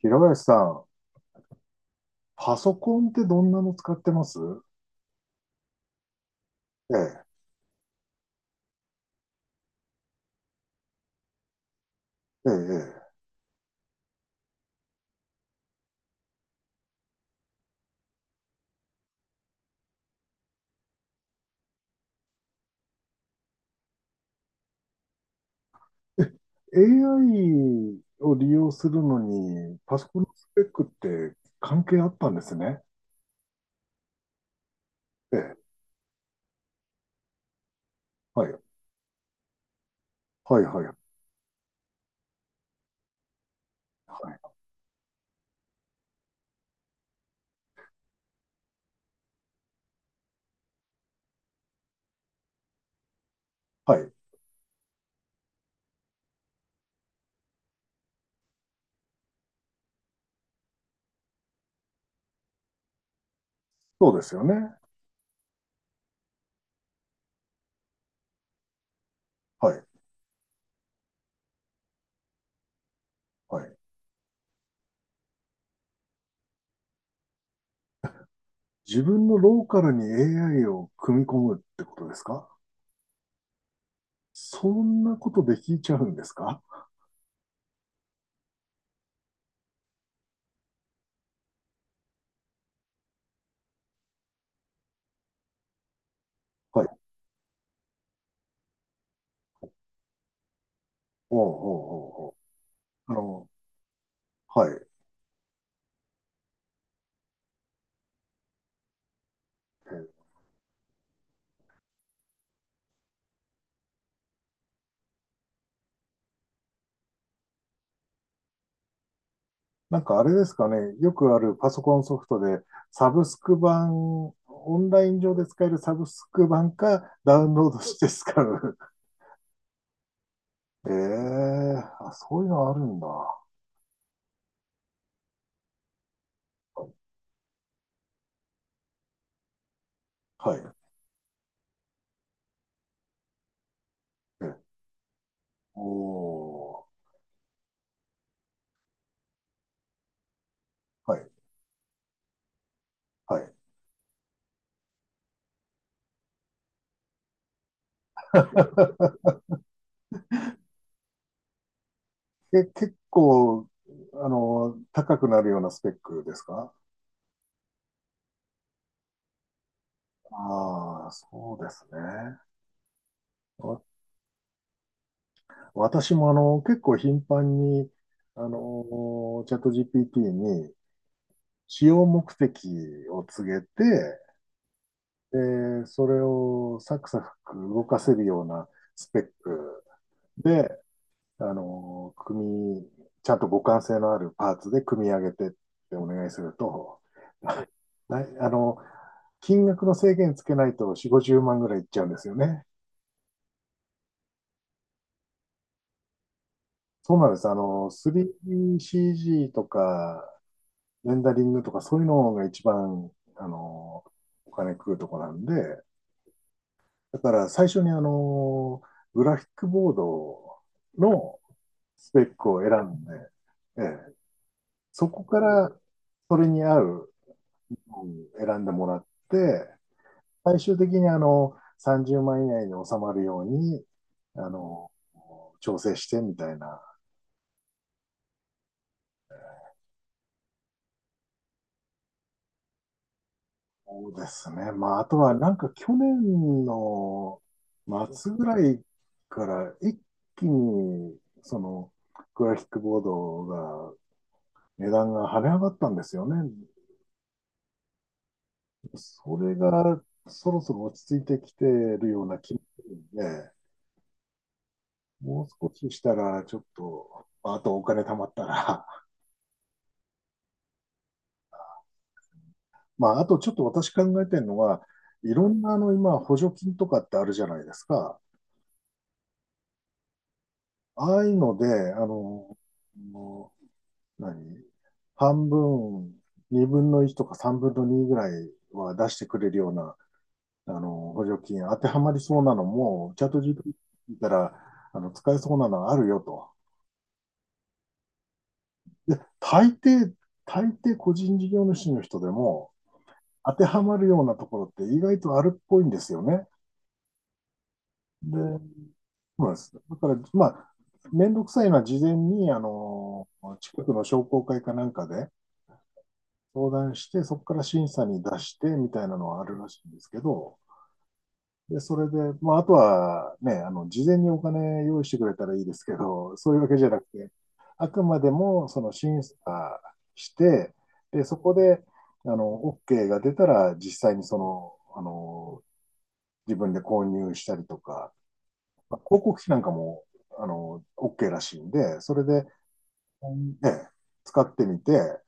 平林さん、パソコンってどんなの使ってます？ええ、ええ、ええ。AI を利用するのに、パソコンのスペックって関係あったんですね。ええ、はい、はい、はい、はい、はい、そうですよね。はい、はい。自分のローカルに AI を組み込むってことですか？そんなことできちゃうんですか？はい、おうおうおうおう、はい、ええ。なんかあれですかね、よくあるパソコンソフトで、サブスク版、オンライン上で使えるサブスク版か、ダウンロードして使う。ええ、あ、そういうのあるんだ。はい。え、おー、はい、はい。え、結構、高くなるようなスペックですか？ああ、そうですね。わ私も結構頻繁に、チャット GPT に、使用目的を告げて、で、それをサクサク動かせるようなスペックで、あの、組ちゃんと互換性のあるパーツで組み上げてってお願いすると、な あの、金額の制限つけないと4、50万ぐらいいっちゃうんですよね。そうなんです。3CG とか、レンダリングとかそういうのが一番、あの、お金食うとこなんで、だから最初にグラフィックボードのスペックを選んで、ええ、そこからそれに合うのを選んでもらって、最終的に30万以内に収まるように、あの、調整してみたいな。そうですね。まあ、あとはなんか去年の末ぐらいから一気に、グラフィックボードが値段が跳ね上がったんですよね。それがそろそろ落ち着いてきてるような気もするんで、もう少ししたらちょっと、まあとお金貯まったら、まああとちょっと私考えてるのは、いろんな今補助金とかってあるじゃないですか。ああいうので、もう何半分、2分の1とか3分の2ぐらいは出してくれるような補助金当てはまりそうなのも、チャット GPT 見たら、使えそうなのあるよと。大抵、大抵個人事業主の人でも、当てはまるようなところって意外とあるっぽいんですよね。で、そうなんです。だから、まあ、めんどくさいのは事前に、近くの商工会かなんかで相談して、そこから審査に出してみたいなのはあるらしいんですけど、で、それで、まあ、あとはね、事前にお金用意してくれたらいいですけど、そういうわけじゃなくて、あくまでも、その審査して、で、そこで、OK が出たら、実際に自分で購入したりとか、まあ広告費なんかも、OK らしいんで、それで、ね、使ってみて、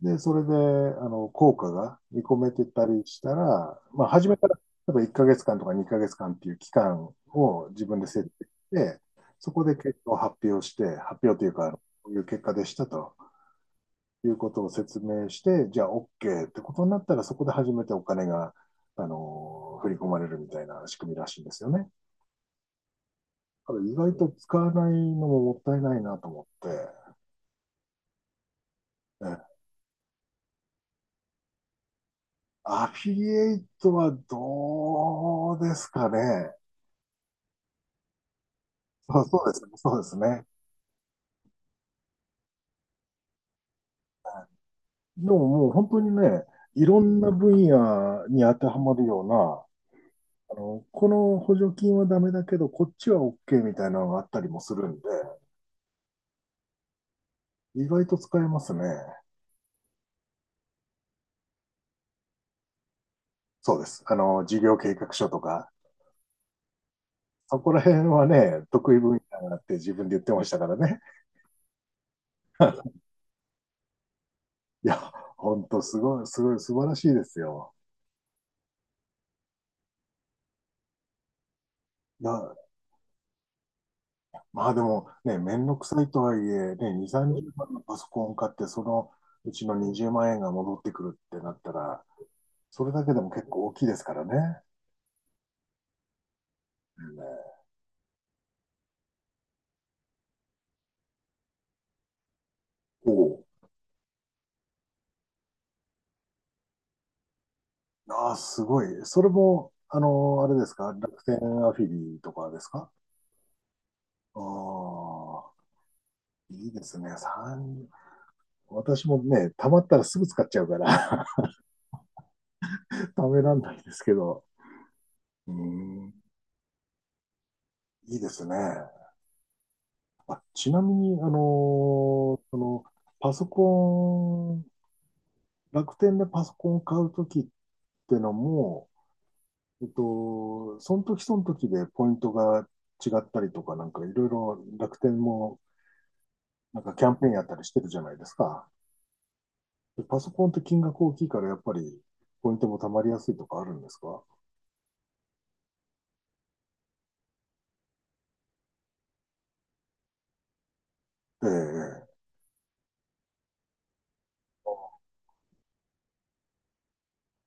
で、それで、効果が見込めてたりしたら、まあ、初めから、例えば1ヶ月間とか2ヶ月間っていう期間を自分で設定して、そこで結果を発表して、発表というか、こういう結果でしたということを説明して、じゃあ OK ってことになったら、そこで初めてお金が、振り込まれるみたいな仕組みらしいんですよね。だから意外と使わないのももったいないなと思って、ね、アフィリエイトはどうですかね。あ、そうですね、そうですね。でももう本当にね、いろんな分野に当てはまるような、この補助金はダメだけど、こっちは OK みたいなのがあったりもするんで、意外と使えますね。そうです。事業計画書とか、そこら辺はね、得意分野だって自分で言ってましたからね。いや、本当すごい、すごい、素晴らしいですよ。な、まあでもね、めんどくさいとはいえ、ね、2、30万のパソコン買って、そのうちの20万円が戻ってくるってなったら、それだけでも結構大きいですからね。うん、おう、ああ、すごい。それも、あれですか、楽天アフィリとかですか？ああ、いいですね。3、私もね、貯まったらすぐ使っちゃうから 貯めらんないですけど、うん、いいですね。あ、ちなみに、パソコン、楽天でパソコンを買うときってのも、その時その時でポイントが違ったりとか、なんかいろいろ楽天もなんかキャンペーンやったりしてるじゃないですか。でパソコンって金額大きいからやっぱりポイントも貯まりやすいとかあるんですか？ええ、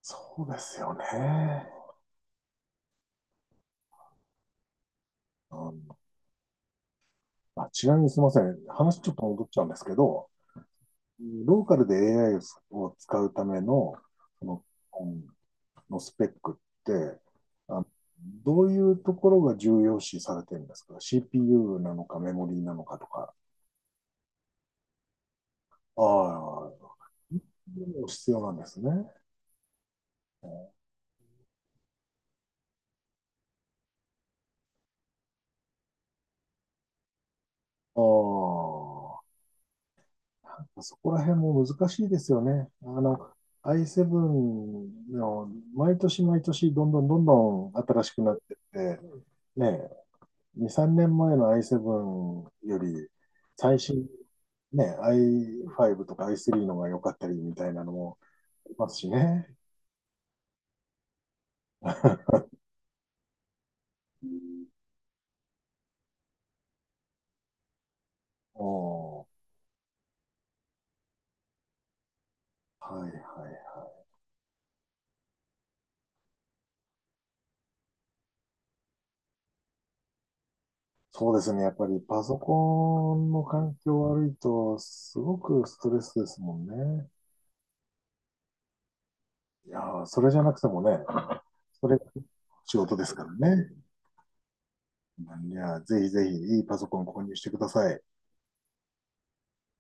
そうですよね。うん。あ、ちなみにすみません。話ちょっと戻っちゃうんですけど、ローカルで AI を使うための、その、のスペックって、あのどういうところが重要視されてるんですか？ CPU なのかメモリーなのかとか。ああ、必要なんですね。ああ、そこら辺も難しいですよね。I7 の毎年毎年どんどんどんどん新しくなってって、ね、2、3年前の i7 より、最新、ね、i5 とか i3 の方が良かったりみたいなのもありますしね。おはいはい。そうですね。やっぱりパソコンの環境悪いと、すごくストレスですもんね。いやー、それじゃなくてもね、それが仕事ですからね。いや、ぜひぜひいいパソコン購入してください。